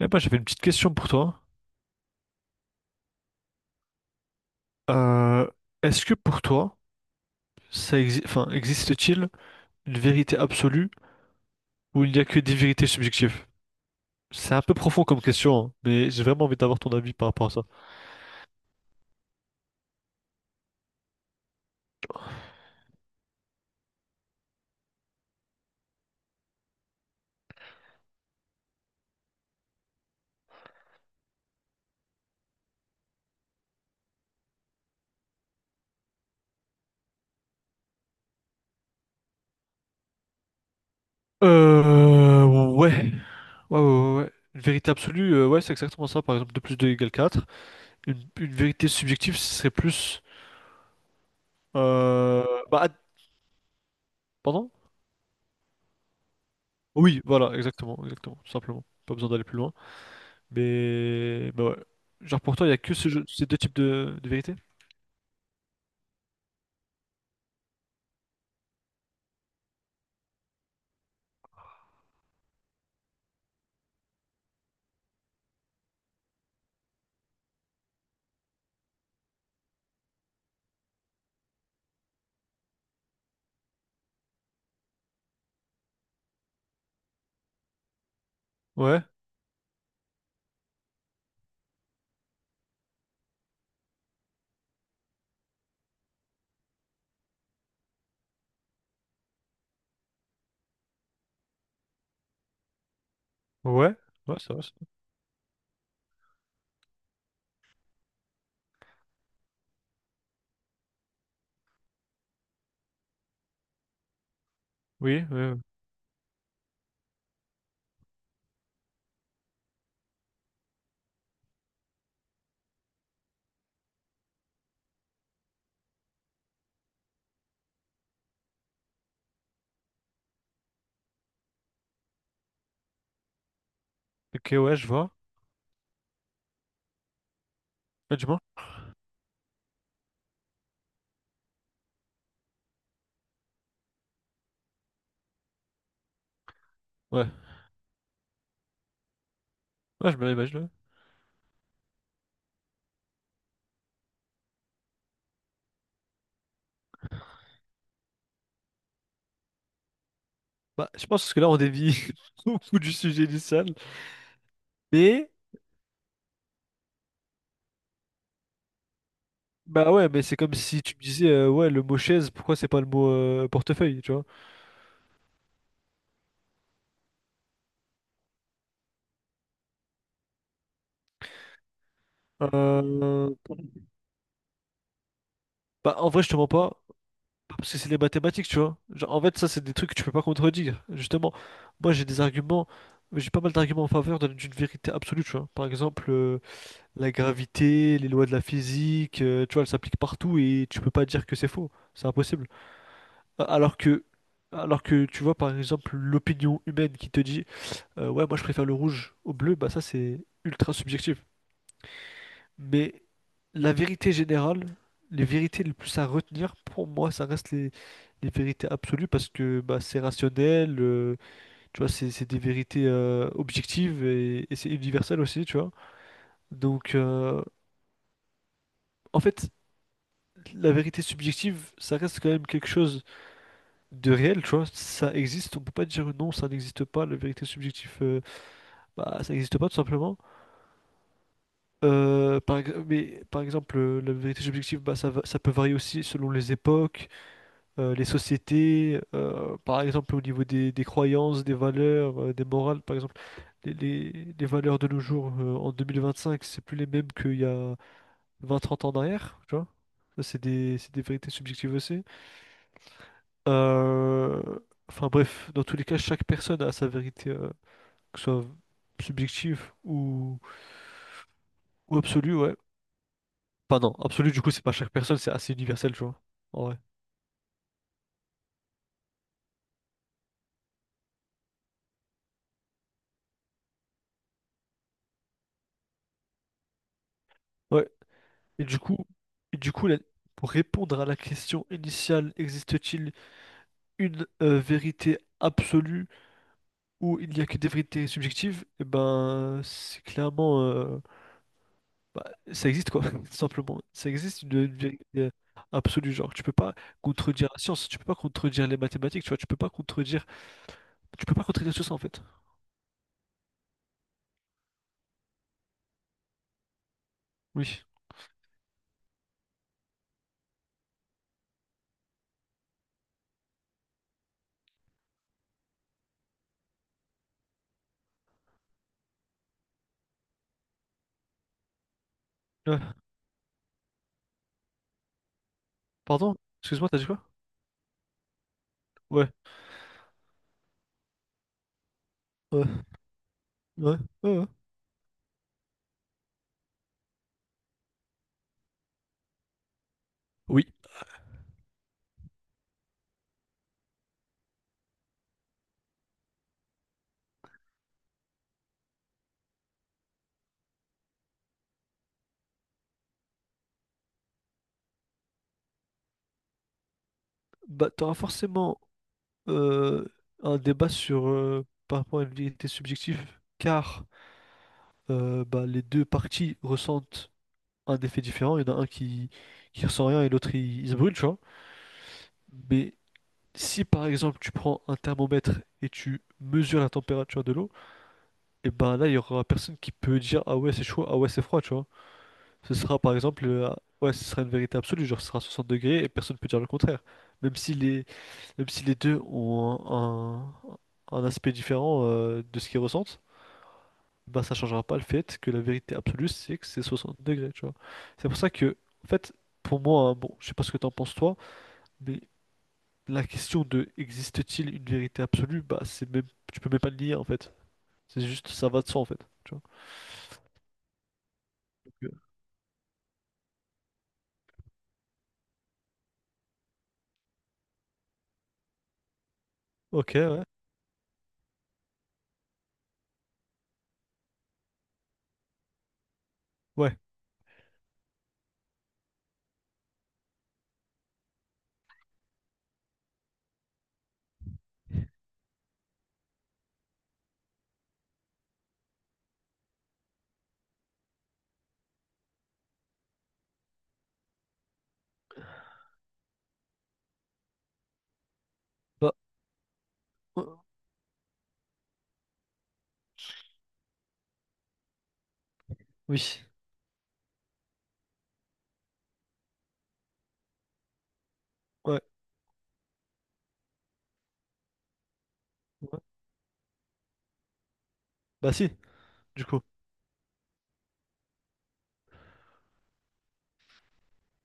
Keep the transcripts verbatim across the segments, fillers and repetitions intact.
Eh ben, j'avais une petite question pour toi. Euh, Est-ce que pour toi, ça exi- enfin, existe-t-il une vérité absolue ou il n'y a que des vérités subjectives? C'est un peu profond comme question, hein, mais j'ai vraiment envie d'avoir ton avis par rapport à ça. Euh, ouais. Ouais, ouais, ouais. ouais. Une vérité absolue, euh, ouais, c'est exactement ça. Par exemple, deux plus deux égale quatre. Une, une vérité subjective, ce serait plus... Euh, bah, ad- Pardon? Oui, voilà, exactement, exactement, tout simplement. Pas besoin d'aller plus loin. Mais, bah ouais. Genre pour toi, il n'y a que ce jeu- ces deux types de, de vérités? Ouais, ouais, ouais, ça va, ça va. Oui, ouais, ouais. Ok, ouais, je vois. Ouais, du moins, ouais, ouais, je me l'imagine, ouais. Bah, je pense que là, on dévie beaucoup du sujet du sale. Mais bah ouais, mais c'est comme si tu me disais, euh, ouais, le mot chaise, pourquoi c'est pas le mot euh, portefeuille, tu vois? Euh, Bah, en vrai, je te mens pas, parce que c'est les mathématiques, tu vois. Genre, en fait, ça, c'est des trucs que tu peux pas contredire, justement. Moi, j'ai des arguments, j'ai pas mal d'arguments en faveur de- d'une vérité absolue, tu vois. Par exemple, euh, la gravité, les lois de la physique, euh, tu vois, elles s'appliquent partout et tu peux pas dire que c'est faux. C'est impossible. A- Alors que, alors que tu vois, par exemple, l'opinion humaine qui te dit, euh, ouais, moi je préfère le rouge au bleu, bah ça c'est ultra subjectif. Mais la vérité générale, les vérités les plus à retenir, pour moi, ça reste les, les vérités absolues parce que bah, c'est rationnel, euh, tu vois, c'est c'est des vérités euh, objectives et, et c'est universel aussi, tu vois. Donc, euh, en fait, la vérité subjective, ça reste quand même quelque chose de réel, tu vois. Ça existe, on peut pas dire non, ça n'existe pas. La vérité subjective, euh, bah, ça n'existe pas tout simplement. Euh, par, ex- mais par exemple, euh, la vérité subjective, bah, ça, va- ça peut varier aussi selon les époques, euh, les sociétés, euh, par exemple au niveau des, des croyances, des valeurs, euh, des morales. Par exemple, les, les- les valeurs de nos jours, euh, en deux mille vingt-cinq, c'est plus les mêmes qu'il y a vingt trente ans en, tu vois. Ça, c'est des, c'est des vérités subjectives aussi. Euh, Enfin bref, dans tous les cas, chaque personne a sa vérité, euh, que ce soit subjective ou, ou absolue, ouais. Enfin non, absolue du coup, c'est pas chaque personne, c'est assez universel, tu vois. En vrai. Ouais. Et du coup, et du coup, la- pour répondre à la question initiale, existe-t-il une euh, vérité absolue où il n'y a que des vérités subjectives? Eh ben, c'est clairement, euh, bah, ça existe quoi, tout simplement. Ça existe une, une vérité euh, absolue, genre tu peux pas contredire la science, tu peux pas contredire les mathématiques, tu vois, tu peux pas contredire, tu peux pas contredire tout ça en fait. Oui. Ouais. Pardon? Excuse-moi, t'as dit quoi? Ouais. Ouais. Ouais. Ouais, ouais. Oui. Bah t'auras forcément euh, un débat sur euh, par rapport à une vérité subjective, car euh, bah, les deux parties ressentent un effet différent. Il y en a un qui qui ressent rien et l'autre il, il se brûle, tu vois. Mais si par exemple tu prends un thermomètre et tu mesures la température de l'eau, et ben là il y aura personne qui peut dire ah ouais c'est chaud, ah ouais c'est froid, tu vois. Ce sera par exemple euh, ah ouais ce sera une vérité absolue, genre ce sera soixante degrés et personne peut dire le contraire. Même si les même si les deux ont un, un- un aspect différent euh, de ce qu'ils ressentent, bah ça changera pas le fait que la vérité absolue c'est que c'est soixante degrés, tu vois. C'est pour ça que en fait pour moi hein, bon je sais pas ce que t'en penses toi, mais la question de existe-t-il une vérité absolue, bah c'est même tu peux même pas le nier en fait. C'est juste ça va de soi en fait. Tu vois. Donc, euh, ok, ouais. Ouais. Bah euh, oui. Ouais, ouais. Bah si, du coup.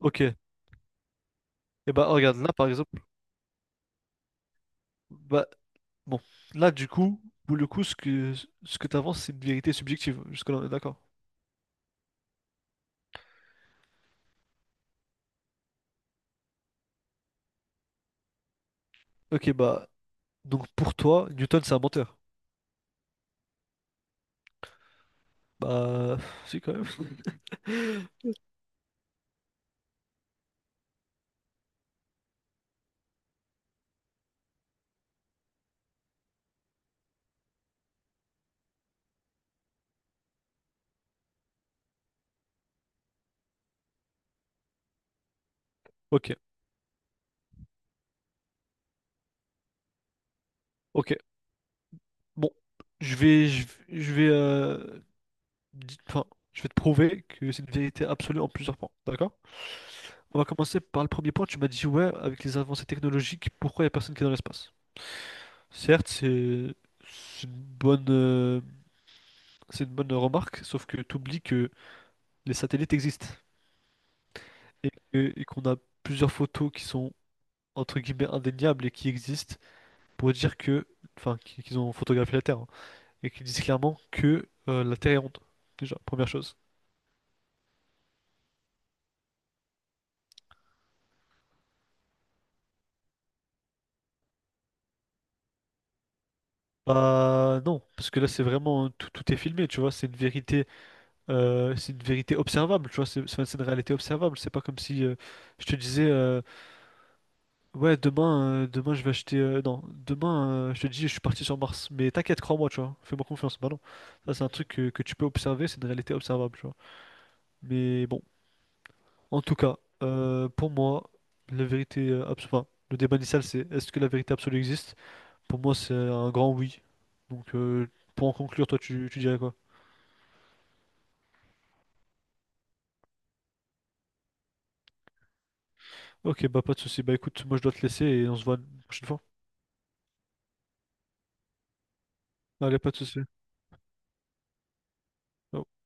Ok. Et bah regarde, là par exemple, bah bon, là du coup, pour le coup, ce que ce que t'avances, c'est une vérité subjective. Jusque-là, on est d'accord. Ok, bah donc pour toi, Newton c'est un menteur. Bah si quand même. Ok, ok. Bon, je vais je, vais, je vais euh, dis- enfin, je vais te prouver que c'est une vérité absolue en plusieurs points, d'accord? On va commencer par le premier point. Tu m'as dit, ouais, avec les avancées technologiques, pourquoi il n'y a personne qui est dans l'espace? Certes, c'est c'est une bonne, euh, c'est une bonne remarque, sauf que tu oublies que les satellites existent et que- et qu'on a plusieurs photos qui sont, entre guillemets, indéniables et qui existent pour dire que, enfin, qui- qu'ils ont photographié la Terre hein, et qui disent clairement que euh, la Terre est ronde, déjà, première chose. Bah non, parce que là c'est vraiment tout, tout est filmé, tu vois, c'est une vérité, euh, c'est une vérité observable, tu vois, c'est c'est une réalité observable, c'est pas comme si euh, je te disais euh, ouais demain euh, demain je vais acheter euh, non, demain euh, je te dis je suis parti sur Mars, mais t'inquiète, crois-moi, tu vois, fais-moi confiance. Bah non, ça c'est un truc que, que tu peux observer, c'est une réalité observable, tu vois. Mais bon, en tout cas, euh, pour moi, la vérité absolue, enfin, le débat initial c'est est-ce que la vérité absolue existe? Pour moi c'est un grand oui. Donc euh, pour en conclure, toi tu tu dirais quoi? Ok, bah pas de souci. Bah écoute, moi je dois te laisser et on se voit une prochaine fois. Allez, pas de souci. Ciao.